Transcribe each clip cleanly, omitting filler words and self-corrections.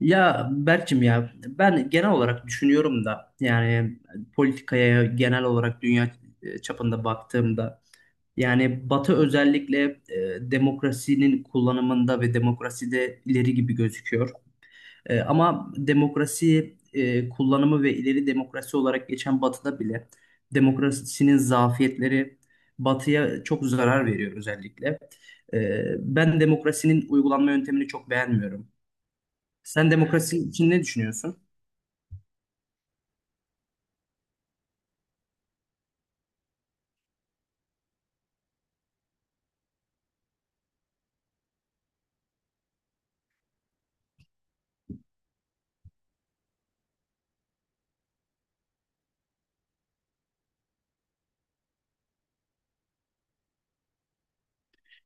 Ya Berk'cim ya ben genel olarak düşünüyorum da yani politikaya genel olarak dünya çapında baktığımda yani Batı özellikle demokrasinin kullanımında ve demokraside ileri gibi gözüküyor. Ama demokrasi kullanımı ve ileri demokrasi olarak geçen Batı'da bile demokrasinin zafiyetleri Batı'ya çok zarar veriyor özellikle. Ben demokrasinin uygulanma yöntemini çok beğenmiyorum. Sen demokrasi için ne düşünüyorsun?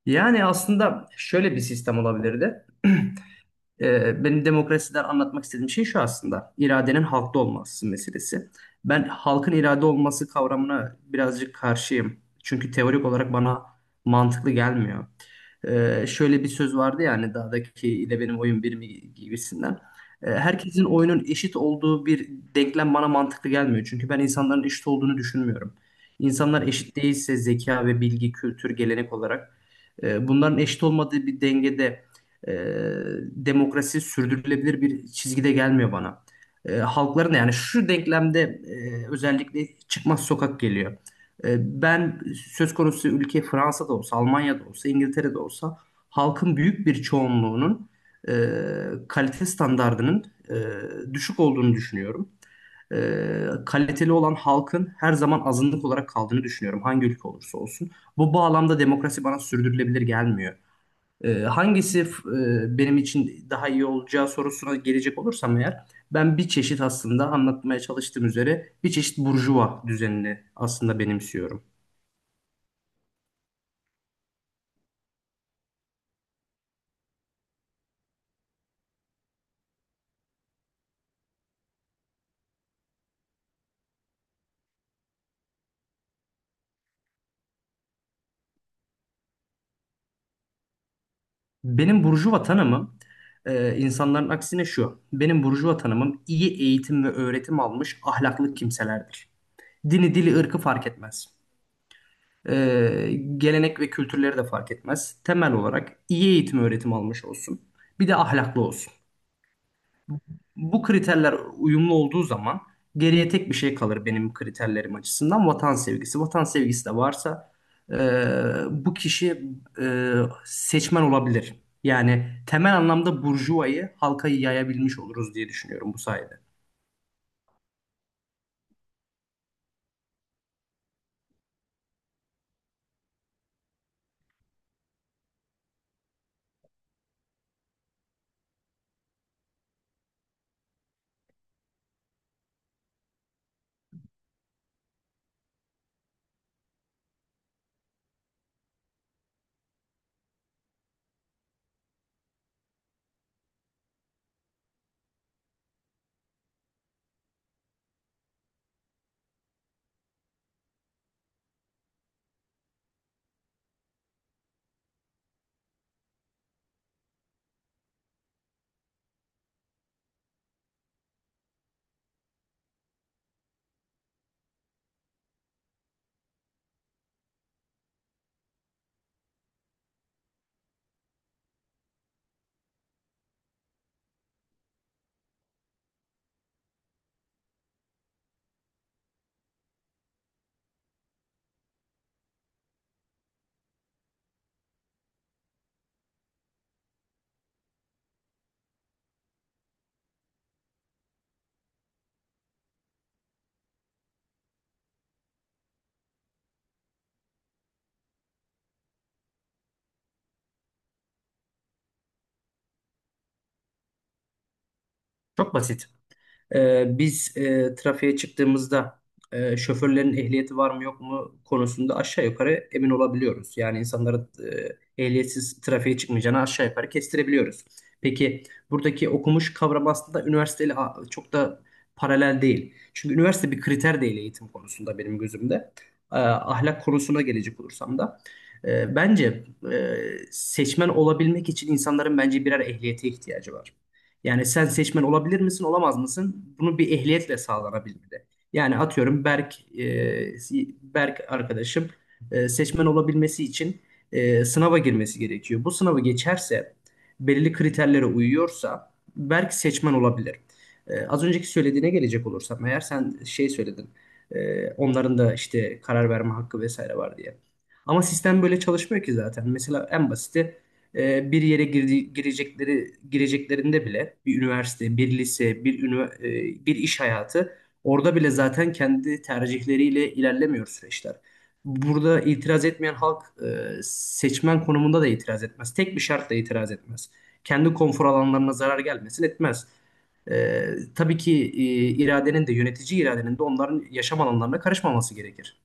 Yani aslında şöyle bir sistem olabilirdi. Benim demokrasiden anlatmak istediğim şey şu aslında. İradenin halkta olması meselesi. Ben halkın irade olması kavramına birazcık karşıyım. Çünkü teorik olarak bana mantıklı gelmiyor. Şöyle bir söz vardı ya hani dağdaki ile benim oyun bir mi gibisinden. Herkesin oyunun eşit olduğu bir denklem bana mantıklı gelmiyor. Çünkü ben insanların eşit olduğunu düşünmüyorum. İnsanlar eşit değilse zeka ve bilgi, kültür, gelenek olarak bunların eşit olmadığı bir dengede e, demokrasi sürdürülebilir bir çizgide gelmiyor bana. Halkların da yani şu denklemde özellikle çıkmaz sokak geliyor. E, ben söz konusu ülke Fransa'da olsa, Almanya'da olsa, İngiltere'de olsa halkın büyük bir çoğunluğunun e, kalite standardının e, düşük olduğunu düşünüyorum. E, Kaliteli olan halkın her zaman azınlık olarak kaldığını düşünüyorum hangi ülke olursa olsun. Bu bağlamda demokrasi bana sürdürülebilir gelmiyor. Hangisi benim için daha iyi olacağı sorusuna gelecek olursam eğer ben bir çeşit aslında anlatmaya çalıştığım üzere bir çeşit burjuva düzenini aslında benimsiyorum. Benim burjuva tanımım insanların aksine şu. Benim burjuva tanımım iyi eğitim ve öğretim almış ahlaklı kimselerdir. Dini, dili, ırkı fark etmez. Ee, Gelenek ve kültürleri de fark etmez. Temel olarak iyi eğitim öğretim almış olsun. Bir de ahlaklı olsun. Bu kriterler uyumlu olduğu zaman geriye tek bir şey kalır benim kriterlerim açısından vatan sevgisi. Vatan sevgisi de varsa e, bu kişi e, seçmen olabilir. Yani temel anlamda burjuvayı halka yayabilmiş oluruz diye düşünüyorum bu sayede. Çok basit. Biz trafiğe çıktığımızda şoförlerin ehliyeti var mı yok mu konusunda aşağı yukarı emin olabiliyoruz. Yani insanların ehliyetsiz trafiğe çıkmayacağını aşağı yukarı kestirebiliyoruz. Peki buradaki okumuş kavram aslında üniversiteyle çok da paralel değil. Çünkü üniversite bir kriter değil eğitim konusunda benim gözümde. Ahlak konusuna gelecek olursam da. Bence e, seçmen olabilmek için insanların bence birer ehliyete ihtiyacı var. Yani sen seçmen olabilir misin, olamaz mısın? Bunu bir ehliyetle sağlanabilmeli. Yani atıyorum Berk, Berk arkadaşım seçmen olabilmesi için sınava girmesi gerekiyor. Bu sınavı geçerse, belirli kriterlere uyuyorsa Berk seçmen olabilir. Az önceki söylediğine gelecek olursam eğer sen şey söyledin, onların da işte karar verme hakkı vesaire var diye. Ama sistem böyle çalışmıyor ki zaten. Mesela en basiti bir yere gireceklerinde bile bir üniversite, bir lise, bir iş hayatı orada bile zaten kendi tercihleriyle ilerlemiyor süreçler. Burada itiraz etmeyen halk seçmen konumunda da itiraz etmez. Tek bir şartla itiraz etmez. Kendi konfor alanlarına zarar gelmesin etmez. E, tabii ki iradenin de yönetici iradenin de onların yaşam alanlarına karışmaması gerekir.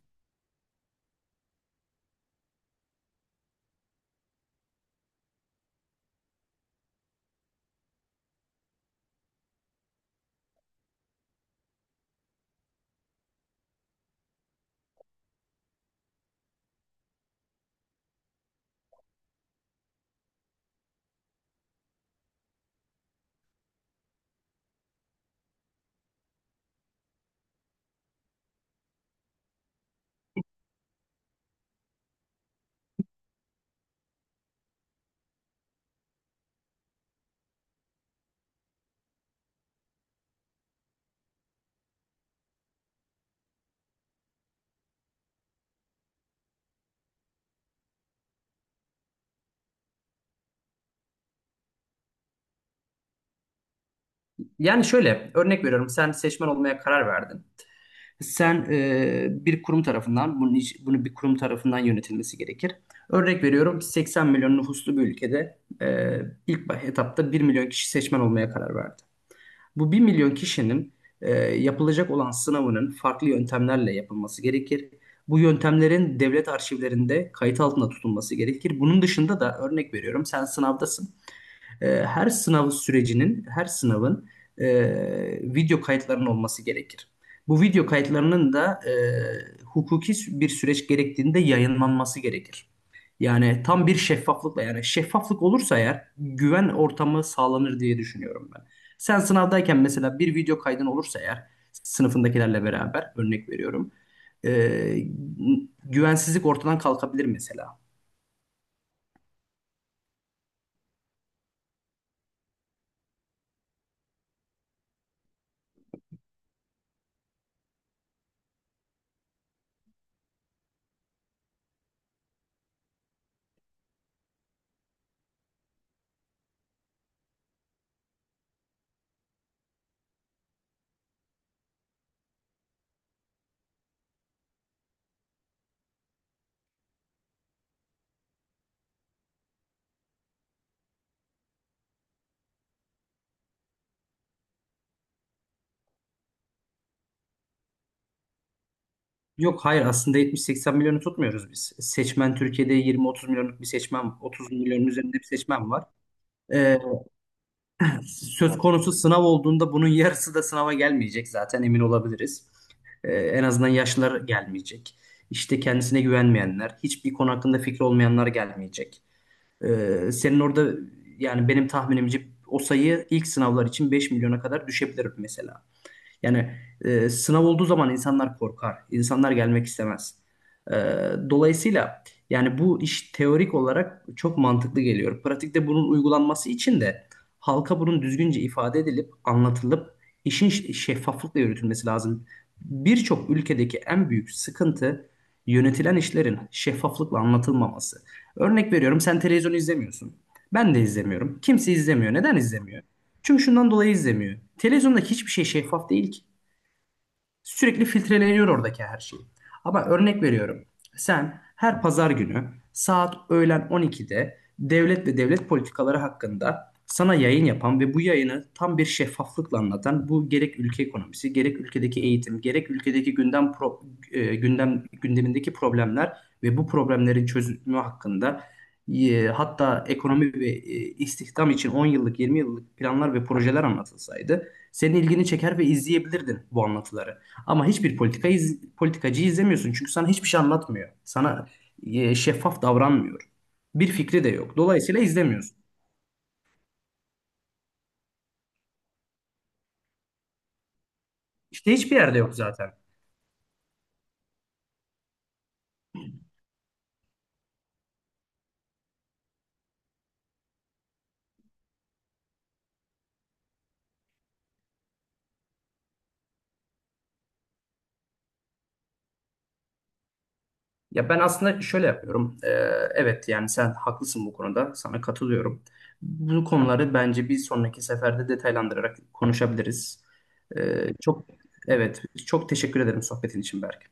Yani şöyle örnek veriyorum sen seçmen olmaya karar verdin. Sen bir kurum tarafından, bunu bir kurum tarafından yönetilmesi gerekir. Örnek veriyorum 80 milyon nüfuslu bir ülkede etapta bir milyon kişi seçmen olmaya karar verdi. Bu 1 milyon kişinin yapılacak olan sınavının farklı yöntemlerle yapılması gerekir. Bu yöntemlerin devlet arşivlerinde kayıt altında tutulması gerekir. Bunun dışında da örnek veriyorum sen sınavdasın, her sınav sürecinin, her sınavın e, video kayıtlarının olması gerekir. Bu video kayıtlarının da hukuki bir süreç gerektiğinde yayınlanması gerekir. Yani tam bir şeffaflıkla yani şeffaflık olursa eğer güven ortamı sağlanır diye düşünüyorum ben. Sen sınavdayken mesela bir video kaydın olursa eğer sınıfındakilerle beraber örnek veriyorum. e, Güvensizlik ortadan kalkabilir mesela. Yok hayır aslında 70-80 milyonu tutmuyoruz biz. Seçmen Türkiye'de 20-30 milyonluk bir seçmen, 30 milyonun üzerinde bir seçmen var. Ee, Söz konusu sınav olduğunda bunun yarısı da sınava gelmeyecek zaten, emin olabiliriz. En azından yaşlılar gelmeyecek. İşte kendisine güvenmeyenler, hiçbir konu hakkında fikri olmayanlar gelmeyecek. Senin orada yani benim tahminimce o sayı ilk sınavlar için 5 milyona kadar düşebilir mesela. Yani sınav olduğu zaman insanlar korkar, insanlar gelmek istemez. E, Dolayısıyla yani bu iş teorik olarak çok mantıklı geliyor. Pratikte bunun uygulanması için de halka bunun düzgünce ifade edilip anlatılıp şeffaflıkla yürütülmesi lazım. Birçok ülkedeki en büyük sıkıntı yönetilen işlerin şeffaflıkla anlatılmaması. Örnek veriyorum sen televizyon izlemiyorsun. Ben de izlemiyorum. Kimse izlemiyor. Neden izlemiyor? Çünkü şundan dolayı izlemiyor. Televizyonda hiçbir şey şeffaf değil ki. Sürekli filtreleniyor oradaki her şey. Ama örnek veriyorum. Sen her pazar günü saat öğlen 12'de devlet ve devlet politikaları hakkında sana yayın yapan ve bu yayını tam bir şeffaflıkla anlatan bu gerek ülke ekonomisi, gerek ülkedeki eğitim, gerek ülkedeki gündem pro- e, gündem gündemindeki problemler ve bu problemlerin çözümü hakkında, hatta ekonomi ve istihdam için 10 yıllık, 20 yıllık planlar ve projeler anlatılsaydı senin ilgini çeker ve izleyebilirdin bu anlatıları. Ama politikacıyı izlemiyorsun çünkü sana hiçbir şey anlatmıyor. Sana şeffaf davranmıyor. Bir fikri de yok. Dolayısıyla izlemiyorsun. İşte hiçbir yerde yok zaten. Ya ben aslında şöyle yapıyorum. Evet yani sen haklısın bu konuda. Sana katılıyorum. Bu konuları bence bir sonraki seferde detaylandırarak konuşabiliriz. Çok Evet, çok teşekkür ederim sohbetin için Berk.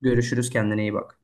Görüşürüz, kendine iyi bak.